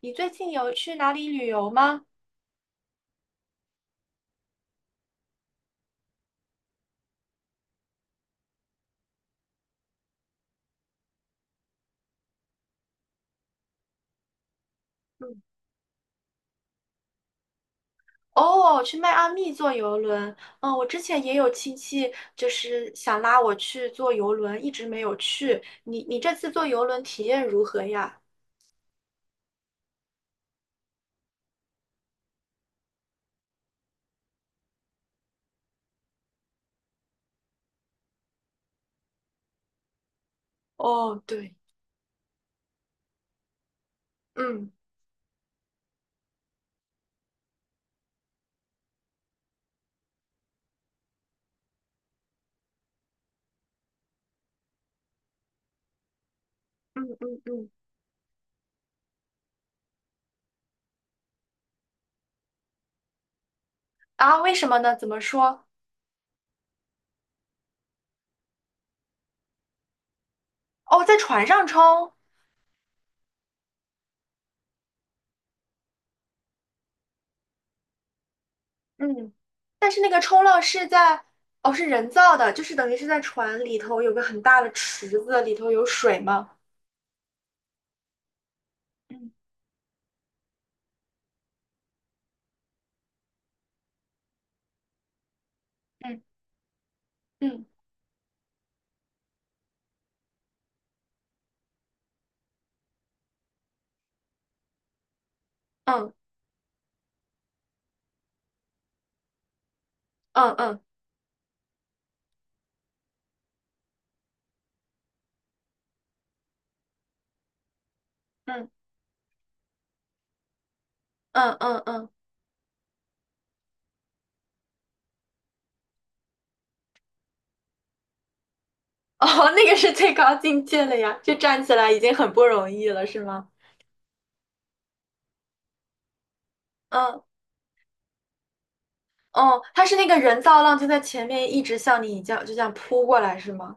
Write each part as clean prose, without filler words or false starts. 你最近有去哪里旅游吗？嗯，哦，去迈阿密坐游轮。嗯，我之前也有亲戚就是想拉我去坐游轮，一直没有去。你这次坐游轮体验如何呀？哦，对，嗯嗯嗯嗯，啊，为什么呢？怎么说？哦，在船上冲，嗯，但是那个冲浪是在，哦，是人造的，就是等于是在船里头有个很大的池子，里头有水吗？嗯嗯嗯嗯嗯嗯。嗯嗯嗯嗯，哦，那个是最高境界了呀，就站起来已经很不容易了，是吗？嗯，哦，他是那个人造浪就在前面一直向你这样就这样扑过来，是吗？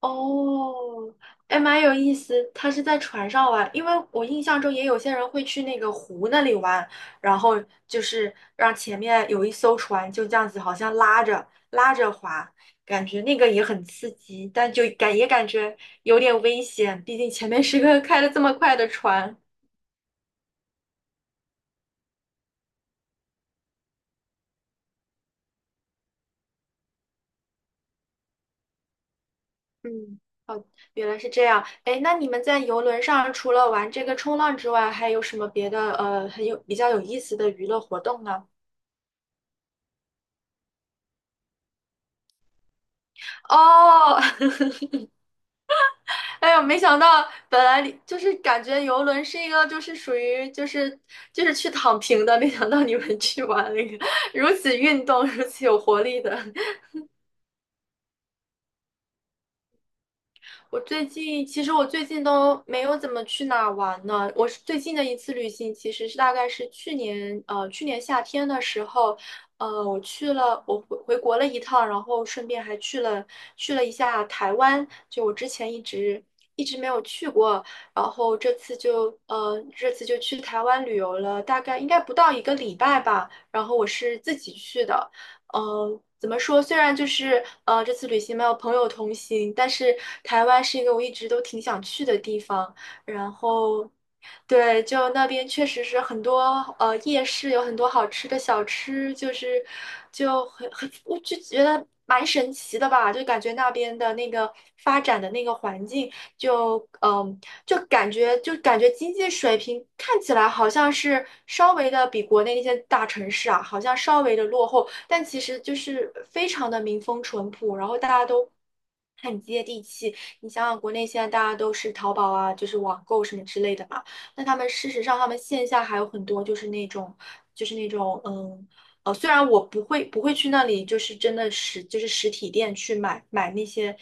哦，哎，蛮有意思。他是在船上玩，因为我印象中也有些人会去那个湖那里玩，然后就是让前面有一艘船就这样子，好像拉着拉着滑，感觉那个也很刺激，但也感觉有点危险，毕竟前面是个 开的这么快的船。嗯，原来是这样。哎，那你们在游轮上除了玩这个冲浪之外，还有什么别的比较有意思的娱乐活动呢？哦，哎呦，没想到，本来你就是感觉游轮是一个就是属于就是去躺平的，没想到你们去玩了一个如此运动、如此有活力的。我最近其实我最近都没有怎么去哪儿玩呢。我是最近的一次旅行，其实是大概是去年去年夏天的时候，我去了我回国了一趟，然后顺便还去了一下台湾，就我之前一直没有去过，然后这次就去台湾旅游了，大概应该不到一个礼拜吧。然后我是自己去的，怎么说？虽然就是这次旅行没有朋友同行，但是台湾是一个我一直都挺想去的地方。然后，对，就那边确实是夜市有很多好吃的小吃，就是就很我就觉得蛮神奇的吧，就感觉那边的那个发展的那个环境就感觉经济水平看起来好像是稍微的比国内那些大城市啊，好像稍微的落后，但其实就是非常的民风淳朴，然后大家都，很接地气，你想想，国内现在大家都是淘宝啊，就是网购什么之类的嘛。那他们事实上，他们线下还有很多就是那种，就是那种，虽然我不会去那里，就是真的就是实体店去买那些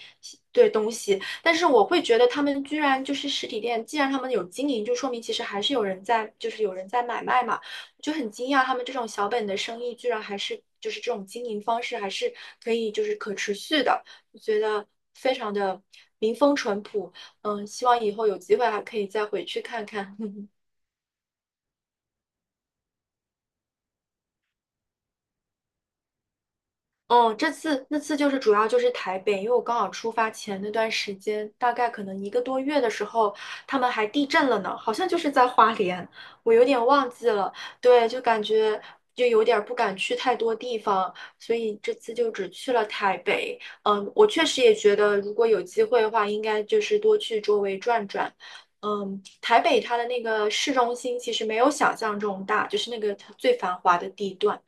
对东西，但是我会觉得他们居然就是实体店，既然他们有经营，就说明其实还是有人在，就是有人在买卖嘛，我就很惊讶他们这种小本的生意居然还是就是这种经营方式还是可以就是可持续的，我觉得非常的民风淳朴。嗯，希望以后有机会还可以再回去看看。嗯，那次就是主要就是台北，因为我刚好出发前那段时间，大概可能一个多月的时候，他们还地震了呢，好像就是在花莲，我有点忘记了。对，就感觉就有点儿不敢去太多地方，所以这次就只去了台北。嗯，我确实也觉得，如果有机会的话，应该就是多去周围转转。嗯，台北它的那个市中心其实没有想象中大，就是那个它最繁华的地段，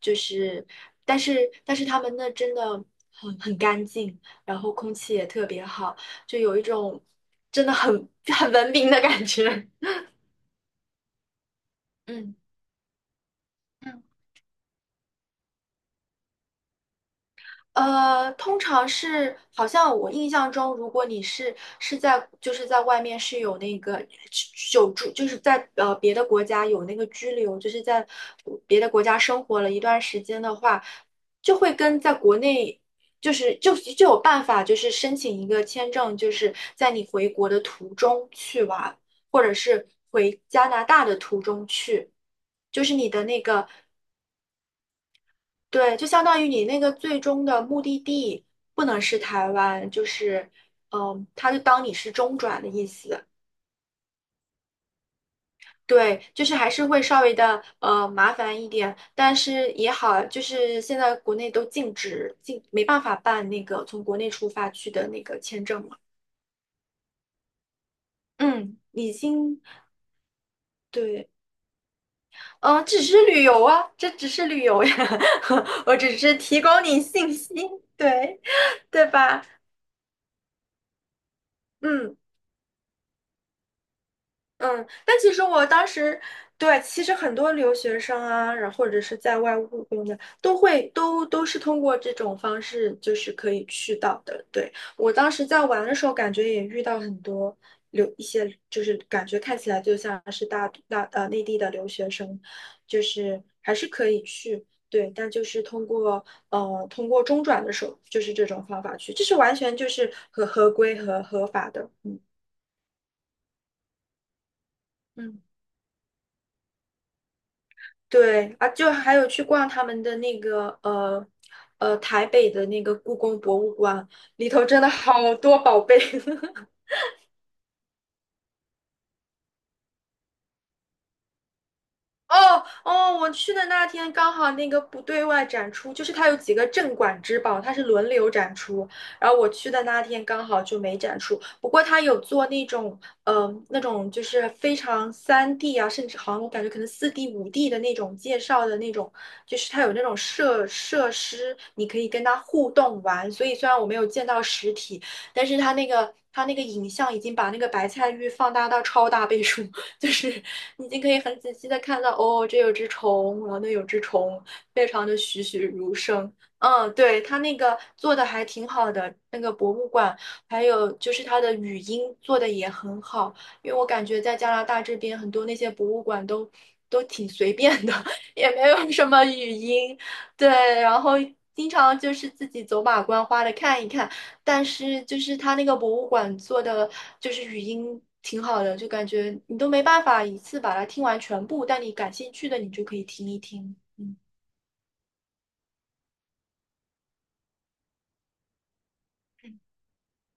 就是，但是他们那真的很干净，然后空气也特别好，就有一种真的很 很文明的感觉。嗯，通常是好像我印象中，如果你是在就是在外面是有那个久住，就是在别的国家有那个居留，就是在别的国家生活了一段时间的话，就会跟在国内就是就有办法，就是申请一个签证，就是在你回国的途中去玩，或者是回加拿大的途中去，就是你的那个对，就相当于你那个最终的目的地不能是台湾，就是，嗯，他就当你是中转的意思。对，就是还是会稍微的麻烦一点，但是也好，就是现在国内都禁止，没办法办那个从国内出发去的那个签证嘛。嗯，已经对，只是旅游啊，这只是旅游呀，我只是提供你信息，对，对吧？嗯。嗯，但其实我当时，对，其实很多留学生啊，然后或者是在外务工的，都会都是通过这种方式，就是可以去到的。对，我当时在玩的时候，感觉也遇到很多一些，就是感觉看起来就像是大大呃内地的留学生，就是还是可以去，对，但就是通过中转的手，就是这种方法去，这是完全就是合规和合法的，嗯嗯。对啊，就还有去逛他们的那个台北的那个故宫博物馆，里头真的好多宝贝。哦哦，我去的那天刚好那个不对外展出，就是它有几个镇馆之宝，它是轮流展出。然后我去的那天刚好就没展出，不过它有做那种，那种就是非常3D 啊，甚至好像我感觉可能4D 5D 的那种介绍的那种，就是它有那种设施，你可以跟它互动玩。所以虽然我没有见到实体，但是它那个影像已经把那个白菜玉放大到超大倍数。就是你已经可以很仔细的看到，哦，这有只虫，然后那有只虫，非常的栩栩如生。嗯，对，他那个做的还挺好的，那个博物馆，还有就是他的语音做的也很好，因为我感觉在加拿大这边很多那些博物馆都挺随便的，也没有什么语音，对，然后经常就是自己走马观花的看一看。但是就是他那个博物馆做的，就是语音挺好的，就感觉你都没办法一次把它听完全部，但你感兴趣的你就可以听一听。嗯，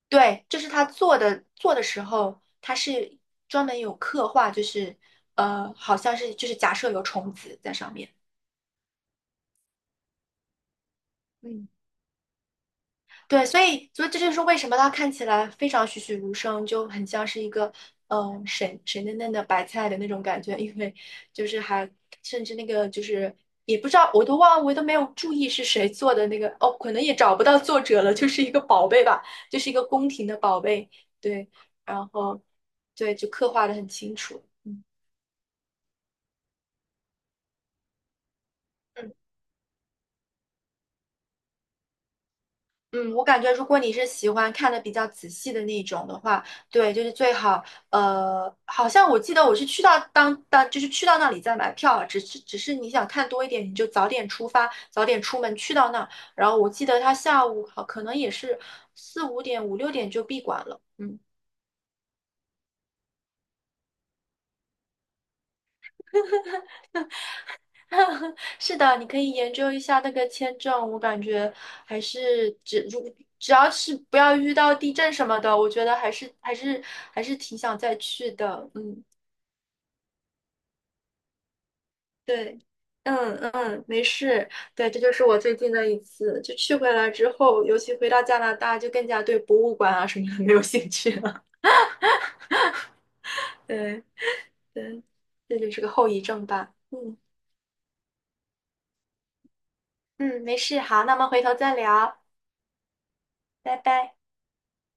对，就是他做的，做的时候他是专门有刻画，就是好像是就是假设有虫子在上面。嗯对，所以这就是为什么它看起来非常栩栩如生，就很像是一个水水嫩嫩的白菜的那种感觉，因为就是还甚至那个就是也不知道，我都忘了，我都没有注意是谁做的那个哦，可能也找不到作者了，就是一个宝贝吧，就是一个宫廷的宝贝，对，然后对就刻画的很清楚，嗯嗯。嗯，我感觉如果你是喜欢看的比较仔细的那种的话，对，就是最好，好像我记得我是去到当当，就是去到那里再买票啊，只是你想看多一点，你就早点出发，早点出门去到那儿。然后我记得他下午好可能也是四五点、五六点就闭馆了。嗯，是的，你可以研究一下那个签证，我感觉还是只要是不要遇到地震什么的，我觉得还是挺想再去的。嗯。对，嗯嗯，没事。对，这就是我最近的一次，就去回来之后，尤其回到加拿大，就更加对博物馆啊什么的 没有兴趣了。对对，这就是个后遗症吧。嗯嗯，没事。好，那我们回头再聊，拜拜。